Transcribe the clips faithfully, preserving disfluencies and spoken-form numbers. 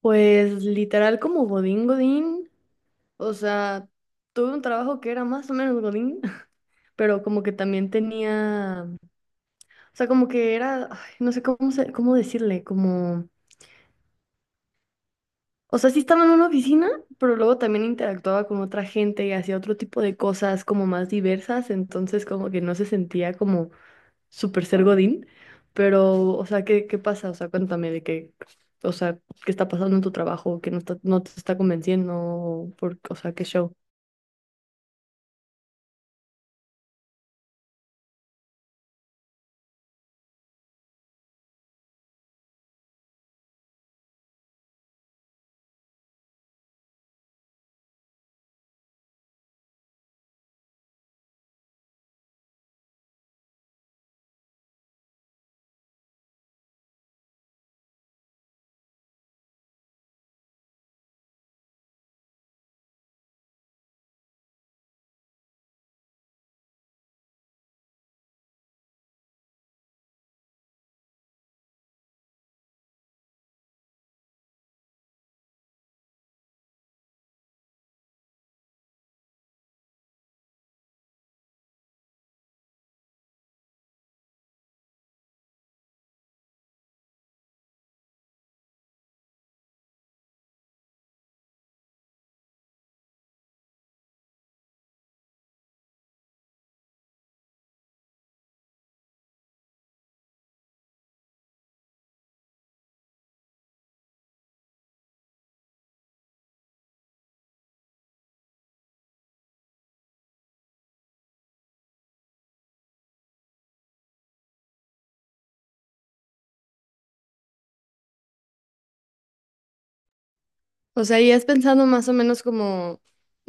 Pues literal como Godín Godín, o sea, tuve un trabajo que era más o menos Godín, pero como que también tenía, o sea, como que era, ay, no sé cómo, se- cómo decirle, como, o sea, sí estaba en una oficina, pero luego también interactuaba con otra gente y hacía otro tipo de cosas como más diversas, entonces como que no se sentía como súper ser Godín, pero, o sea, ¿qué, qué pasa? O sea, cuéntame de qué, o sea, qué está pasando en tu trabajo, que no está, no te está convenciendo, por, o sea, qué show. O sea, ¿y has pensado más o menos como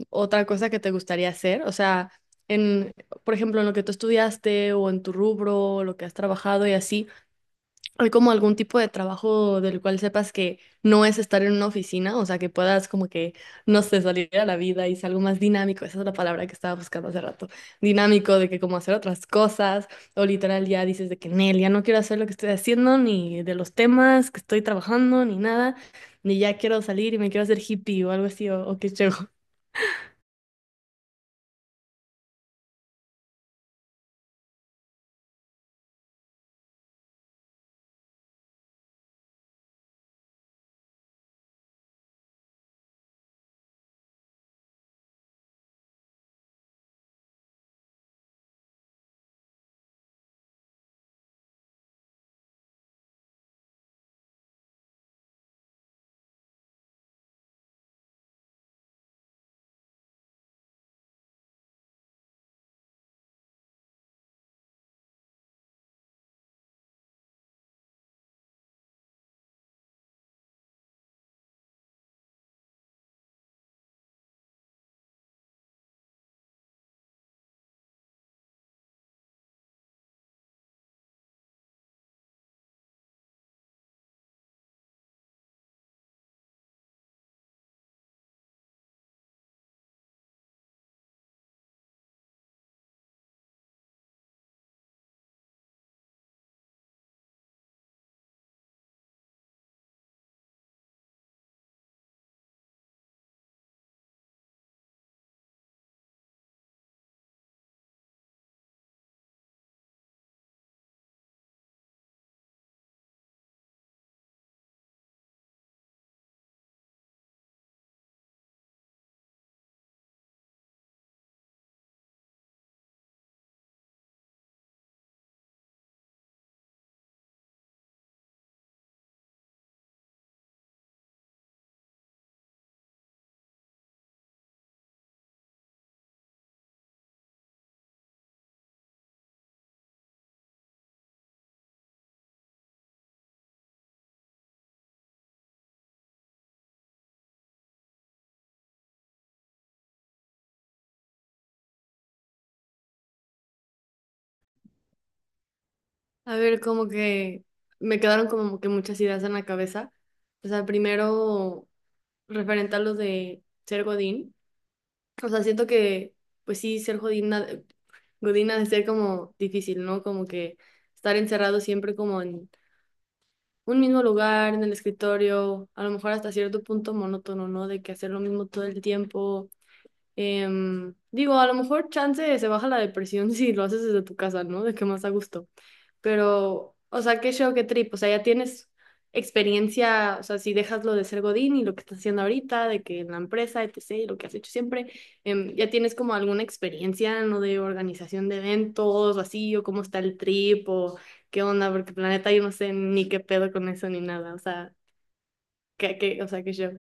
otra cosa que te gustaría hacer? O sea, en, por ejemplo, en lo que tú estudiaste o en tu rubro, lo que has trabajado y así, ¿hay como algún tipo de trabajo del cual sepas que no es estar en una oficina? O sea, que puedas como que, no sé, salir a la vida y ser algo más dinámico. Esa es la palabra que estaba buscando hace rato. Dinámico, de que como hacer otras cosas. O literal ya dices de que, Nel, ya no quiero hacer lo que estoy haciendo, ni de los temas que estoy trabajando, ni nada. Ni ya quiero salir y me quiero hacer hippie o algo así, o, o qué chévere. A ver, como que me quedaron como que muchas ideas en la cabeza. O sea, primero, referente a lo de ser Godín. O sea, siento que, pues sí, ser jodina, godina de ser como difícil, ¿no? Como que estar encerrado siempre como en un mismo lugar, en el escritorio, a lo mejor hasta cierto punto monótono, ¿no? De que hacer lo mismo todo el tiempo. Em, digo, a lo mejor chance se baja la depresión si lo haces desde tu casa, ¿no? De que más a gusto. Pero, o sea, qué show, qué trip. O sea, ya tienes experiencia, o sea, si dejas lo de ser Godín y lo que estás haciendo ahorita, de que en la empresa, etcétera, y lo que has hecho siempre, em, ya tienes como alguna experiencia no de organización de eventos o así, o cómo está el trip, o qué onda, porque planeta yo no sé ni qué pedo con eso ni nada. O sea, qué, qué, o sea, qué show.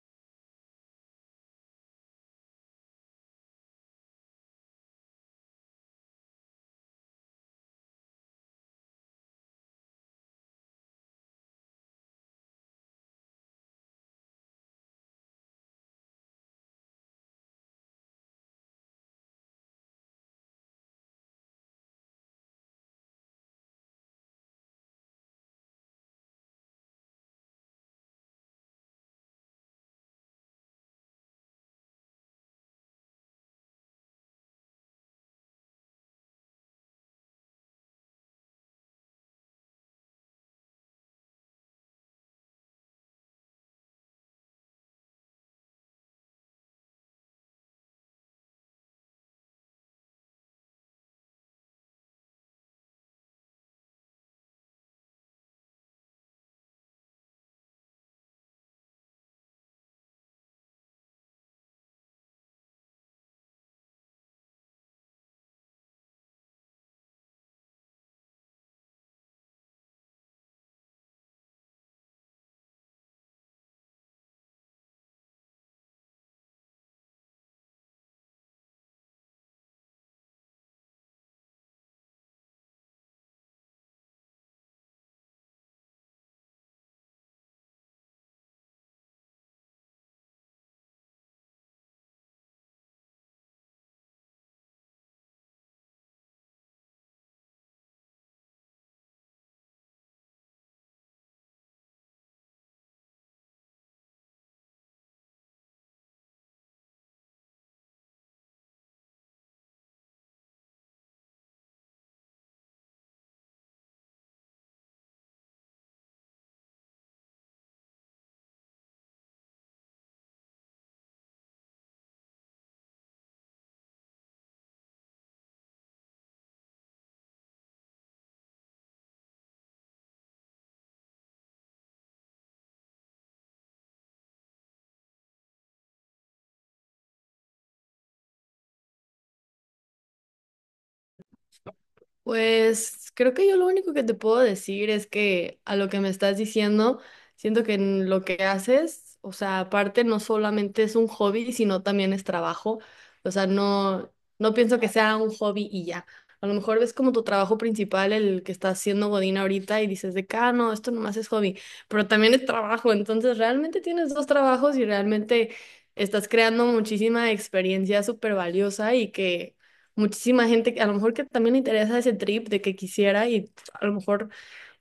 Pues creo que yo lo único que te puedo decir es que a lo que me estás diciendo, siento que en lo que haces, o sea, aparte no solamente es un hobby, sino también es trabajo. O sea, no, no pienso que sea un hobby y ya. A lo mejor ves como tu trabajo principal el que estás haciendo Godín ahorita y dices de que, ah, no, esto nomás es hobby, pero también es trabajo. Entonces realmente tienes dos trabajos y realmente estás creando muchísima experiencia súper valiosa y que muchísima gente que a lo mejor que también le interesa ese trip de que quisiera y a lo mejor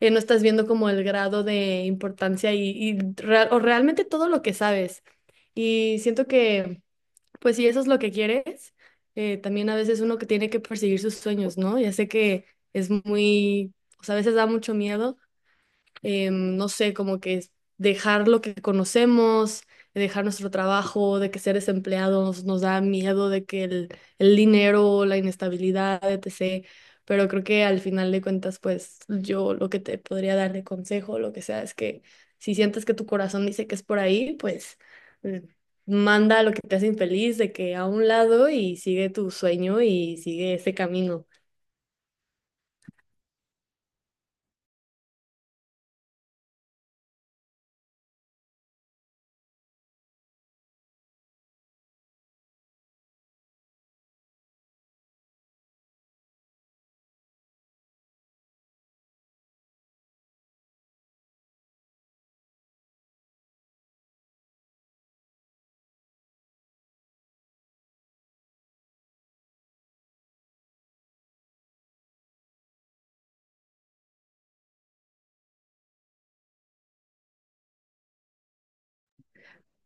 eh, no estás viendo como el grado de importancia y, y real- o realmente todo lo que sabes. Y siento que, pues si eso es lo que quieres, eh, también a veces uno que tiene que perseguir sus sueños, ¿no? Ya sé que es muy, o sea, a veces da mucho miedo, em, no sé, como que dejar lo que conocemos, dejar nuestro trabajo, de que ser desempleados nos da miedo, de que el, el dinero, la inestabilidad, etcétera. Pero creo que al final de cuentas, pues yo lo que te podría dar de consejo, lo que sea, es que si sientes que tu corazón dice que es por ahí, pues eh, manda lo que te hace infeliz de que a un lado y sigue tu sueño y sigue ese camino.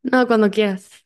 No, cuando quieras.